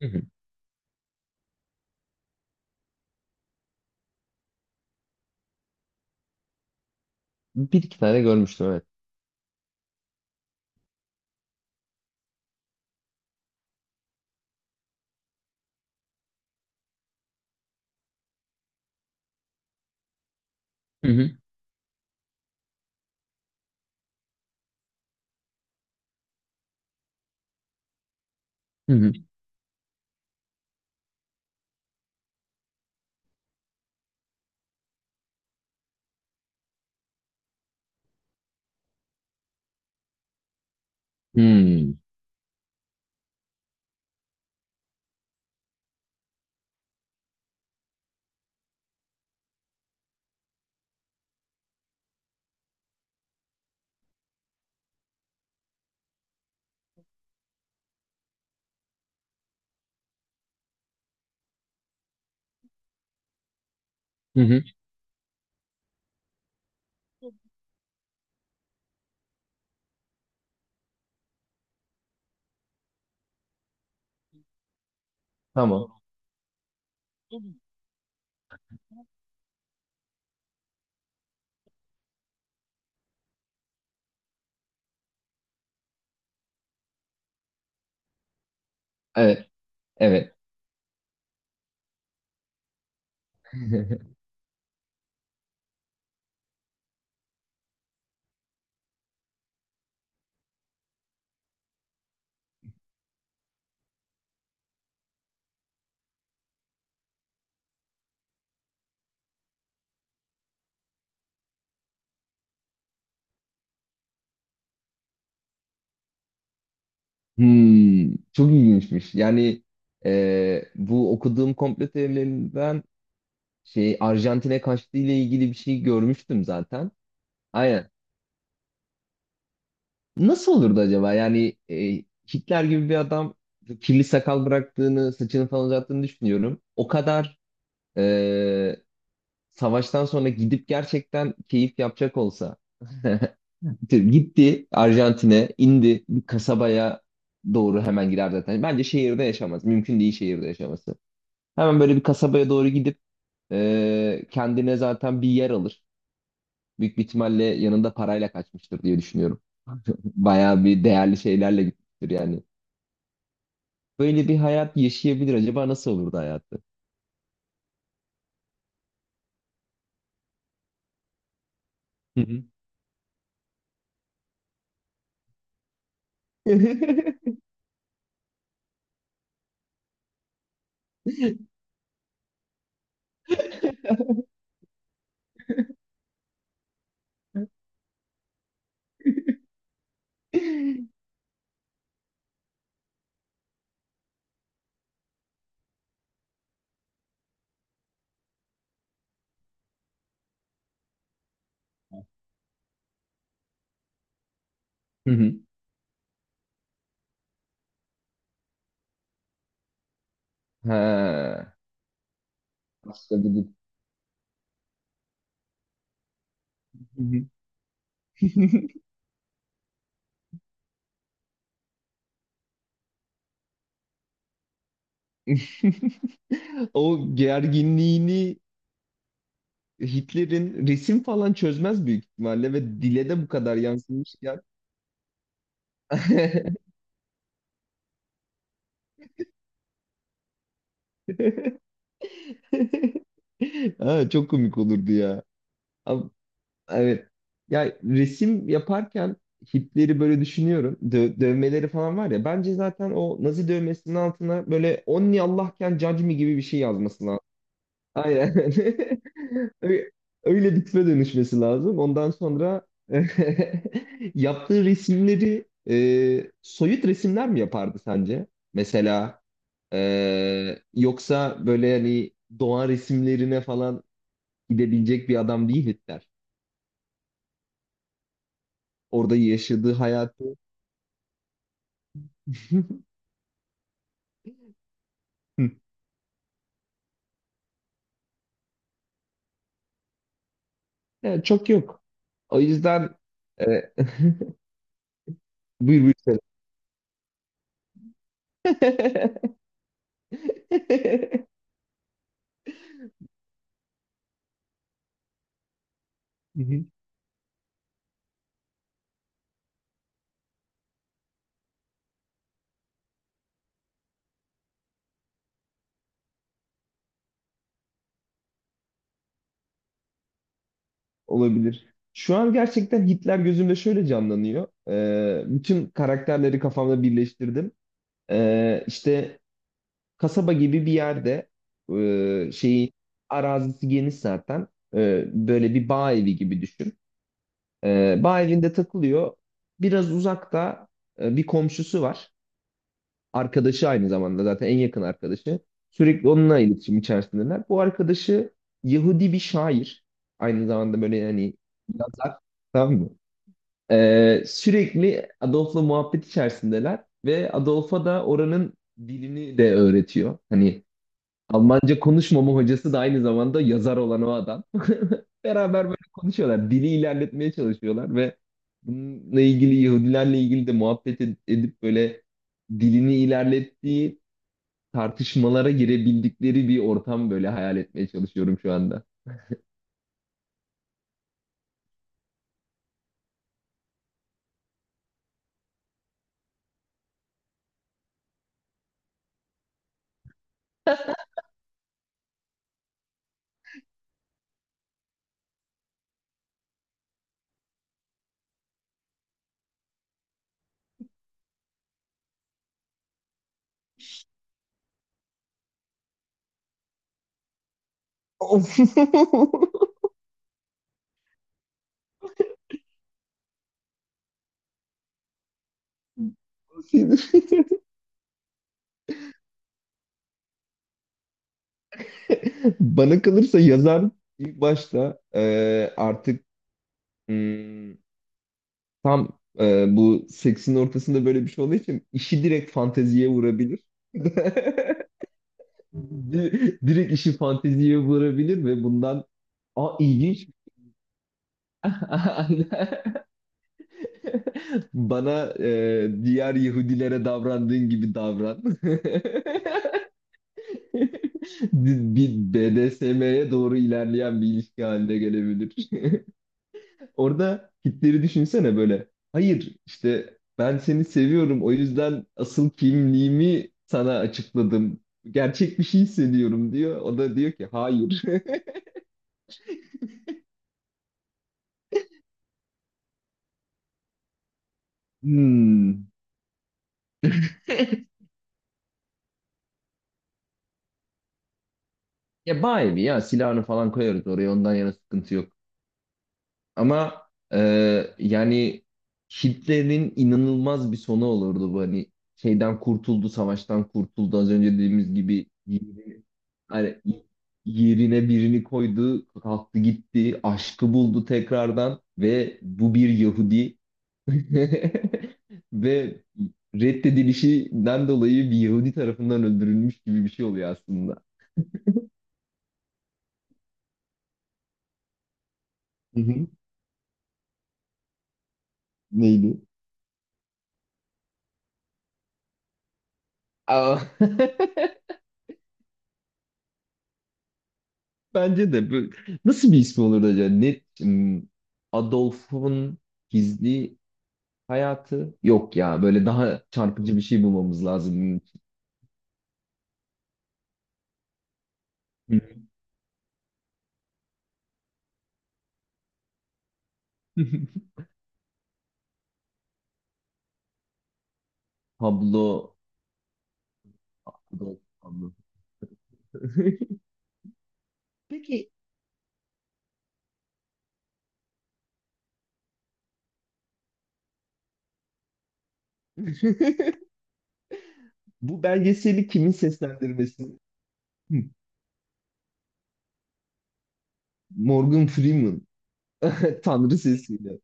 Hı hı. Bir iki tane görmüştüm evet. Hı hı. Hı hı. Hmm. Hı hı. Tamam. Evet, evet. Çok ilginçmiş. Yani bu okuduğum komplo teorilerinden Arjantin'e kaçtığı ile ilgili bir şey görmüştüm zaten. Aynen. Nasıl olurdu acaba? Yani Hitler gibi bir adam kirli sakal bıraktığını, saçını falan uzattığını düşünüyorum. O kadar e, savaştan sonra gidip gerçekten keyif yapacak olsa. Gitti Arjantin'e, indi bir kasabaya doğru hemen girer zaten. Bence şehirde yaşamaz. Mümkün değil şehirde yaşaması. Hemen böyle bir kasabaya doğru gidip kendine zaten bir yer alır. Büyük bir ihtimalle yanında parayla kaçmıştır diye düşünüyorum. Bayağı bir değerli şeylerle gitmiştir yani. Böyle bir hayat yaşayabilir. Acaba nasıl olurdu hayatı? Hı hı. Hı hı. Ha. Başka bir- O gerginliğini Hitler'in resim falan çözmez büyük ihtimalle ve dile de bu kadar yansımışken. Ha, çok komik olurdu ya. Ama, evet. Ya resim yaparken Hitler'i böyle düşünüyorum. Dövmeleri falan var ya. Bence zaten o Nazi dövmesinin altına böyle Onni Allahken Judge Me gibi bir şey yazması. Aynen. Ö- Öyle bitme dönüşmesi lazım. Ondan sonra yaptığı resimleri soyut resimler mi yapardı sence? Mesela yoksa böyle hani doğa resimlerine falan gidebilecek bir adam değil Hitler. Orada yaşadığı hayatı. Hı. Yani çok yok. O yüzden e, buyur buyur. Söyle. Olabilir. Şu an gerçekten Hitler gözümde şöyle canlanıyor. Bütün karakterleri kafamda birleştirdim. İşte kasaba gibi bir yerde şeyi arazisi geniş zaten. Böyle bir bağ evi gibi düşün. Bağ evinde takılıyor. Biraz uzakta bir komşusu var. Arkadaşı aynı zamanda zaten en yakın arkadaşı. Sürekli onunla iletişim içerisindeler. Bu arkadaşı Yahudi bir şair. Aynı zamanda böyle hani yazar. Tamam mı? Sürekli Adolf'la muhabbet içerisindeler ve Adolf'a da oranın dilini de öğretiyor. Hani Almanca konuşmama hocası da aynı zamanda yazar olan o adam. Beraber böyle konuşuyorlar. Dili ilerletmeye çalışıyorlar ve bununla ilgili Yahudilerle ilgili de muhabbet edip böyle dilini ilerlettiği tartışmalara girebildikleri bir ortam böyle hayal etmeye çalışıyorum şu anda. Bana kalırsa yazar ilk başta artık hmm, tam bu seksin ortasında böyle bir şey olduğu için işi direkt fanteziye vurabilir. Direkt işi fanteziye vurabilir ve bundan a ilginç. Bana diğer Yahudilere davrandığın gibi davran. Bir BDSM'ye doğru ilerleyen bir ilişki haline gelebilir. Orada Hitler'i düşünsene böyle. Hayır, işte ben seni seviyorum, o yüzden asıl kimliğimi sana açıkladım. Gerçek bir şey hissediyorum diyor. O da diyor ki hayır. Hmm. Ya bayi mi ya, silahını falan koyarız oraya, ondan yana sıkıntı yok. Ama e, yani Hitler'in inanılmaz bir sonu olurdu bu, hani şeyden kurtuldu, savaştan kurtuldu. Az önce dediğimiz gibi yerine, hani yerine birini koydu, kalktı gitti, aşkı buldu tekrardan ve bu bir Yahudi ve reddedilişinden dolayı bir Yahudi tarafından öldürülmüş gibi bir şey oluyor aslında. Hı hı. Neydi? Aa. Bence de. Nasıl bir ismi olurdu acaba? Adolf'un gizli hayatı? Yok ya. Böyle daha çarpıcı bir şey bulmamız lazım bunun için. Pablo Adolf. Pablo. Peki, bu belgeseli kimin seslendirmesi? Hı, Morgan Freeman. Tanrı sesiyle.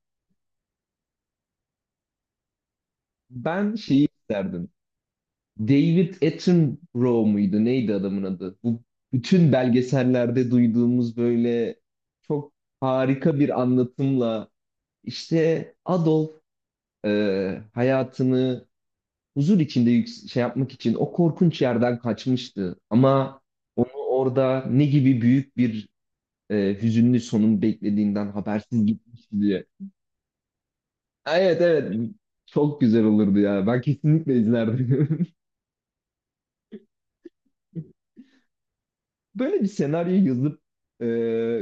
Ben şeyi isterdim. David Attenborough muydu? Neydi adamın adı? Bu bütün belgesellerde duyduğumuz böyle çok harika bir anlatımla işte Adolf hayatını huzur içinde şey yapmak için o korkunç yerden kaçmıştı. Ama onu orada ne gibi büyük bir hüzünlü sonun beklediğinden habersiz gitmişti diye. Evet evet, çok güzel olurdu ya. Ben kesinlikle izlerdim. Böyle bir senaryo yazıp e,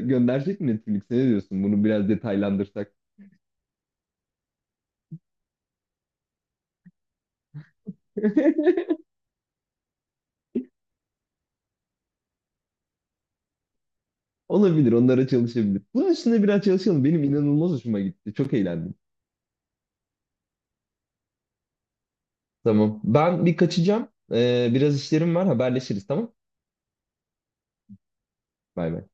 göndersek mi Netflix'e, ne diyorsun? Bunu biraz detaylandırsak. Olabilir, onlara çalışabilir. Bunun üstüne biraz çalışalım. Benim inanılmaz hoşuma gitti. Çok eğlendim. Tamam. Ben bir kaçacağım. Biraz işlerim var. Haberleşiriz tamam. Bay bay.